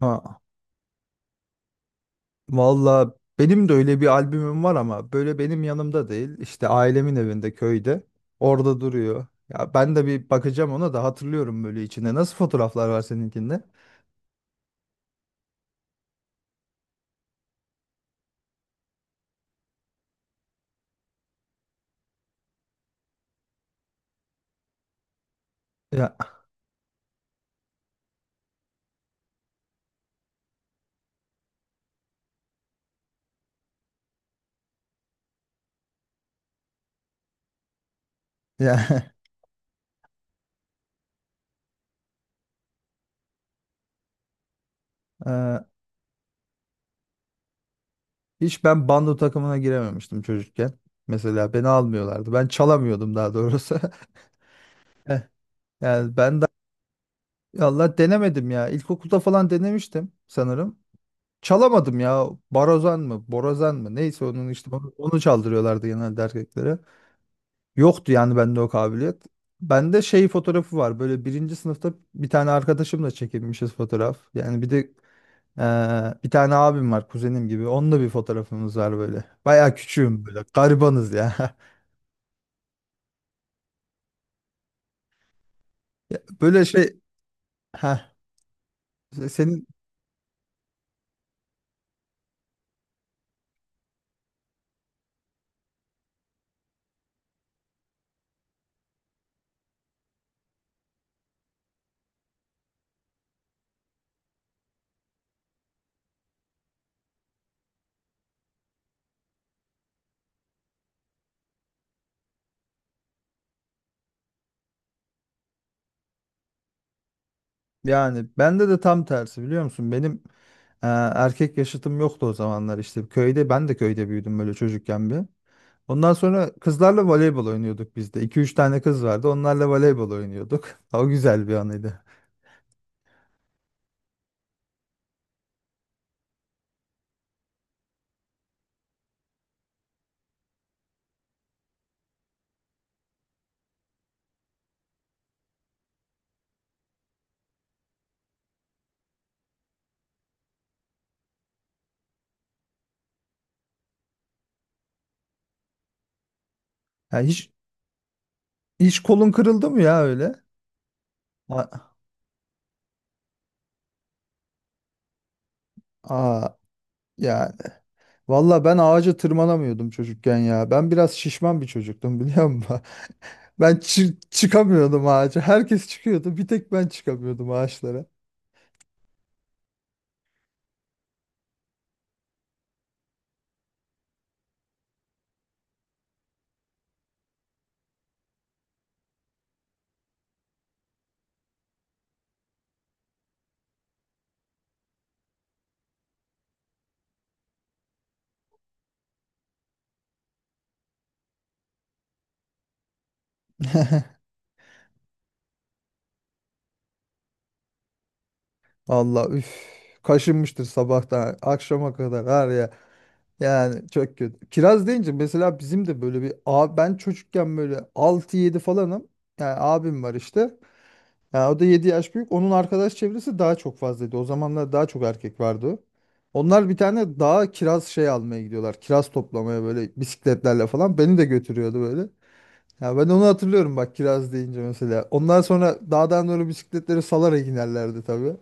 Ha, valla benim de öyle bir albümüm var ama böyle benim yanımda değil. İşte ailemin evinde köyde. Orada duruyor. Ya ben de bir bakacağım ona da hatırlıyorum böyle içinde. Nasıl fotoğraflar var seninkinde? Ya, ya, hiç ben bando takımına girememiştim çocukken. Mesela beni almıyorlardı. Ben çalamıyordum daha doğrusu. Eh, Yani ben de Allah denemedim ya. İlkokulda falan denemiştim sanırım. Çalamadım ya. Barozan mı? Borazan mı? Neyse onun işte onu çaldırıyorlardı genelde erkeklere. Yoktu yani bende o kabiliyet. Bende şey fotoğrafı var. Böyle birinci sınıfta bir tane arkadaşımla çekilmişiz fotoğraf. Yani bir de bir tane abim var kuzenim gibi. Onunla bir fotoğrafımız var böyle. Bayağı küçüğüm böyle. Garibanız ya. Ya Böyle şey ha senin yani bende de tam tersi biliyor musun? Benim eee, erkek yaşıtım yoktu o zamanlar işte. Köyde ben de köyde büyüdüm böyle çocukken bir. Ondan sonra kızlarla voleybol oynuyorduk biz de. 2 üç tane kız vardı. Onlarla voleybol oynuyorduk. O güzel bir anıydı. Ya hiç kolun kırıldı mı ya öyle? A- Aa, yani. Valla ben ağaca tırmanamıyordum çocukken ya. Ben biraz şişman bir çocuktum biliyor musun? Ben çıkamıyordum ağaca. Herkes çıkıyordu. Bir tek ben çıkamıyordum ağaçlara. Valla üf. Kaşınmıştır sabahtan akşama kadar var ya. Yani çok kötü. Kiraz deyince mesela bizim de böyle bir abi ben çocukken böyle altı yedi falanım. Yani abim var işte. Ya o da 7 yaş büyük. Onun arkadaş çevresi daha çok fazlaydı. O zamanlar daha çok erkek vardı. Onlar bir tane dağa kiraz şey almaya gidiyorlar. Kiraz toplamaya böyle bisikletlerle falan. Beni de götürüyordu böyle. Ya ben onu hatırlıyorum bak kiraz deyince mesela. Ondan sonra dağdan doğru bisikletleri salarak inerlerdi tabii.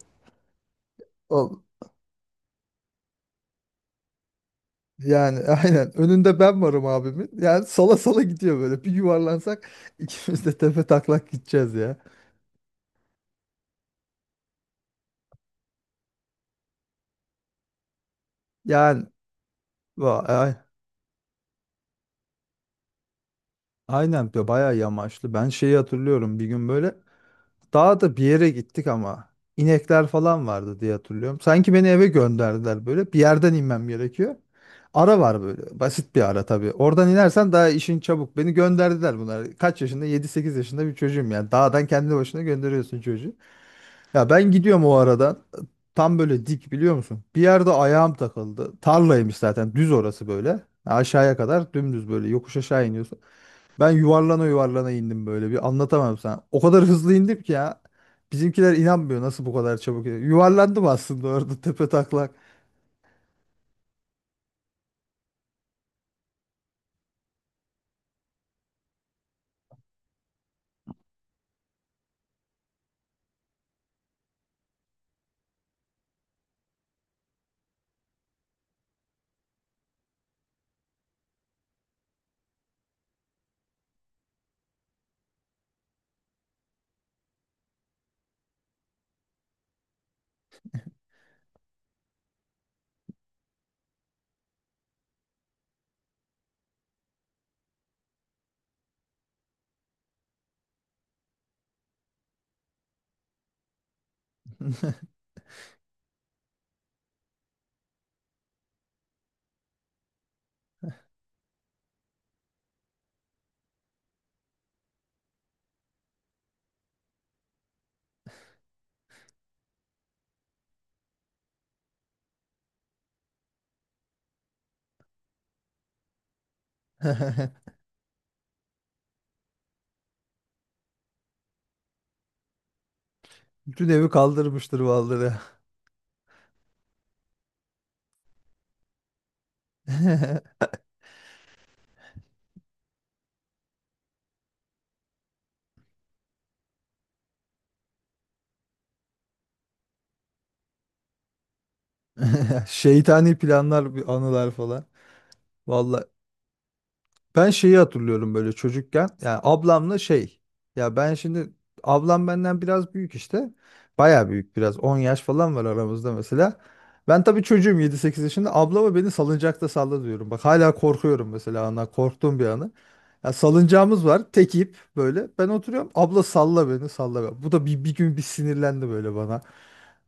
O, yani aynen. Önünde ben varım abimin. Yani sala sala gidiyor böyle. Bir yuvarlansak ikimiz de tepe taklak gideceğiz ya. Yani va- ay- aynen diyor, bayağı yamaçlı. Ben şeyi hatırlıyorum bir gün böyle. Daha da bir yere gittik ama inekler falan vardı diye hatırlıyorum. Sanki beni eve gönderdiler böyle. Bir yerden inmem gerekiyor. Ara var böyle. Basit bir ara tabii. Oradan inersen daha işin çabuk. Beni gönderdiler bunlar. Kaç yaşında? 7-8 yaşında bir çocuğum yani. Dağdan kendi başına gönderiyorsun çocuğu. Ya ben gidiyorum o aradan. Tam böyle dik biliyor musun? Bir yerde ayağım takıldı. Tarlaymış zaten. Düz orası böyle. Aşağıya kadar dümdüz böyle yokuş aşağı iniyorsun. Ben yuvarlana yuvarlana indim böyle bir anlatamam sana. O kadar hızlı indim ki ya. Bizimkiler inanmıyor nasıl bu kadar çabuk. Yuvarlandım aslında orada tepe taklak. Bütün evi kaldırmıştır vallahi. Şeytani planlar, bir anılar falan. Vallahi ben şeyi hatırlıyorum böyle çocukken. Yani ablamla şey. Ya ben şimdi ablam benden biraz büyük işte. Baya büyük biraz. 10 yaş falan var aramızda mesela. Ben tabii çocuğum 7-8 yaşında. Ablama beni salıncakta salla diyorum. Bak hala korkuyorum mesela ana. Korktuğum bir anı. Ya salıncağımız var. Tek ip böyle. Ben oturuyorum. Abla salla beni, salla beni. Bu da bir gün bir sinirlendi böyle bana.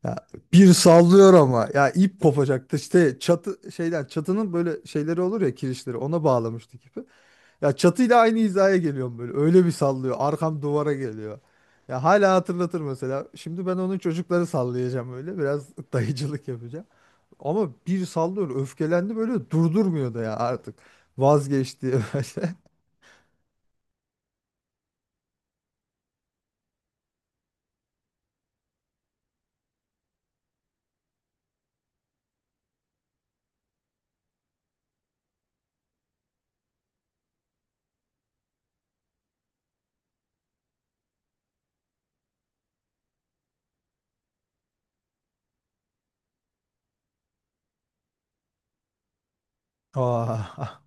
Ya bir sallıyor ama ya ip kopacaktı işte çatı şeyden çatının böyle şeyleri olur ya, kirişleri ona bağlamıştık ipi. Ya çatıyla aynı hizaya geliyorum böyle. Öyle bir sallıyor. Arkam duvara geliyor. Ya hala hatırlatır mesela. Şimdi ben onun çocukları sallayacağım öyle. Biraz dayıcılık yapacağım. Ama bir sallıyor. Öfkelendi böyle, durdurmuyor da ya artık. Vazgeçti böyle. Aa,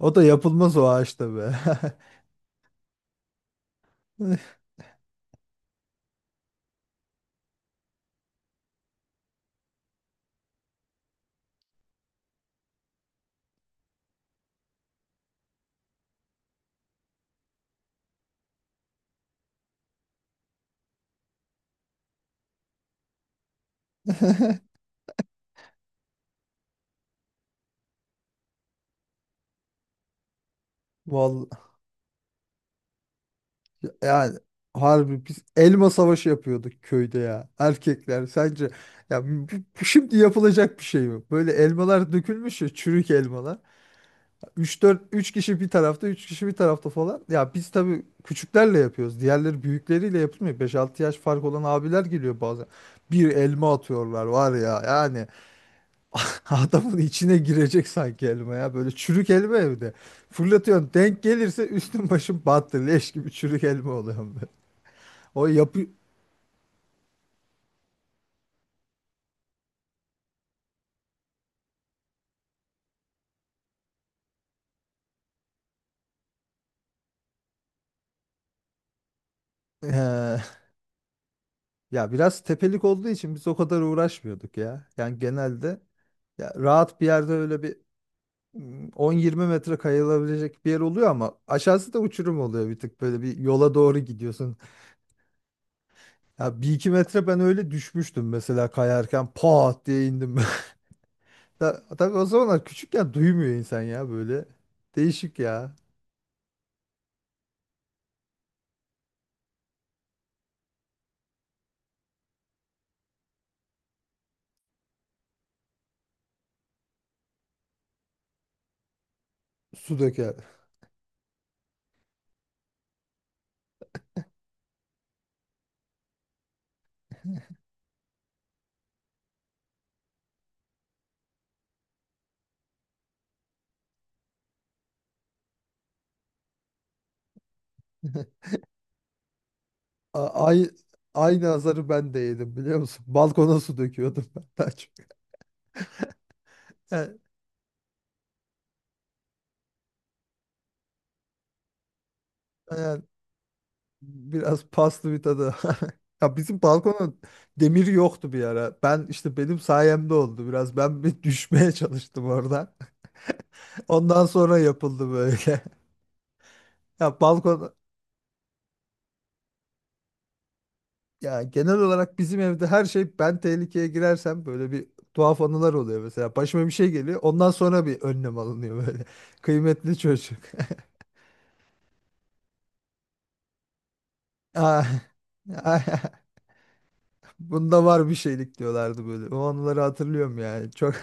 o da yapılmaz o ağaçta be. Vallahi yani harbi biz elma savaşı yapıyorduk köyde ya. Erkekler sence ya bu şimdi yapılacak bir şey mi? Böyle elmalar dökülmüş ya, çürük elmalar. Üç dört, üç kişi bir tarafta 3 kişi bir tarafta falan. Ya biz tabii küçüklerle yapıyoruz. Diğerleri büyükleriyle yapılmıyor. 5-6 yaş fark olan abiler geliyor bazen. Bir elma atıyorlar var ya yani adamın içine girecek sanki elma ya. Böyle çürük elma evde. Fırlatıyorsun, denk gelirse üstün başın battı. Leş gibi çürük elma oluyor böyle. O yapı Eee, ya biraz tepelik olduğu için biz o kadar uğraşmıyorduk ya. Yani genelde ya rahat bir yerde öyle bir 10-20 metre kayılabilecek bir yer oluyor ama aşağısı da uçurum oluyor, bir tık böyle bir yola doğru gidiyorsun. Ya 1-2 metre ben öyle düşmüştüm mesela kayarken, pat diye indim. Tabii o zamanlar küçükken duymuyor insan ya böyle. Değişik ya. Su döker. Ay, aynı azarı ben de yedim biliyor musun? Balkona su döküyordum ben daha çok. Yani, biraz paslı bir tadı. Ya bizim balkona demir yoktu bir ara. Ben işte benim sayemde oldu biraz. Ben bir düşmeye çalıştım orada. Ondan sonra yapıldı böyle. Ya balkon ya genel olarak bizim evde her şey ben tehlikeye girersem böyle bir tuhaf anılar oluyor mesela. Başıma bir şey geliyor. Ondan sonra bir önlem alınıyor böyle. Kıymetli çocuk. Ah, ah, bunda var bir şeylik diyorlardı böyle. O anıları hatırlıyorum yani.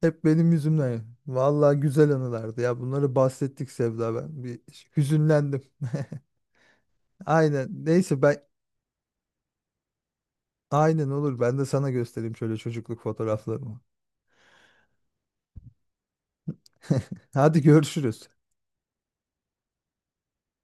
Hep benim yüzümden. Vallahi güzel anılardı ya. Bunları bahsettik Sevda, ben bir hüzünlendim. Aynen. Neyse ben, aynen olur. Ben de sana göstereyim şöyle çocukluk fotoğraflarımı. Hadi görüşürüz.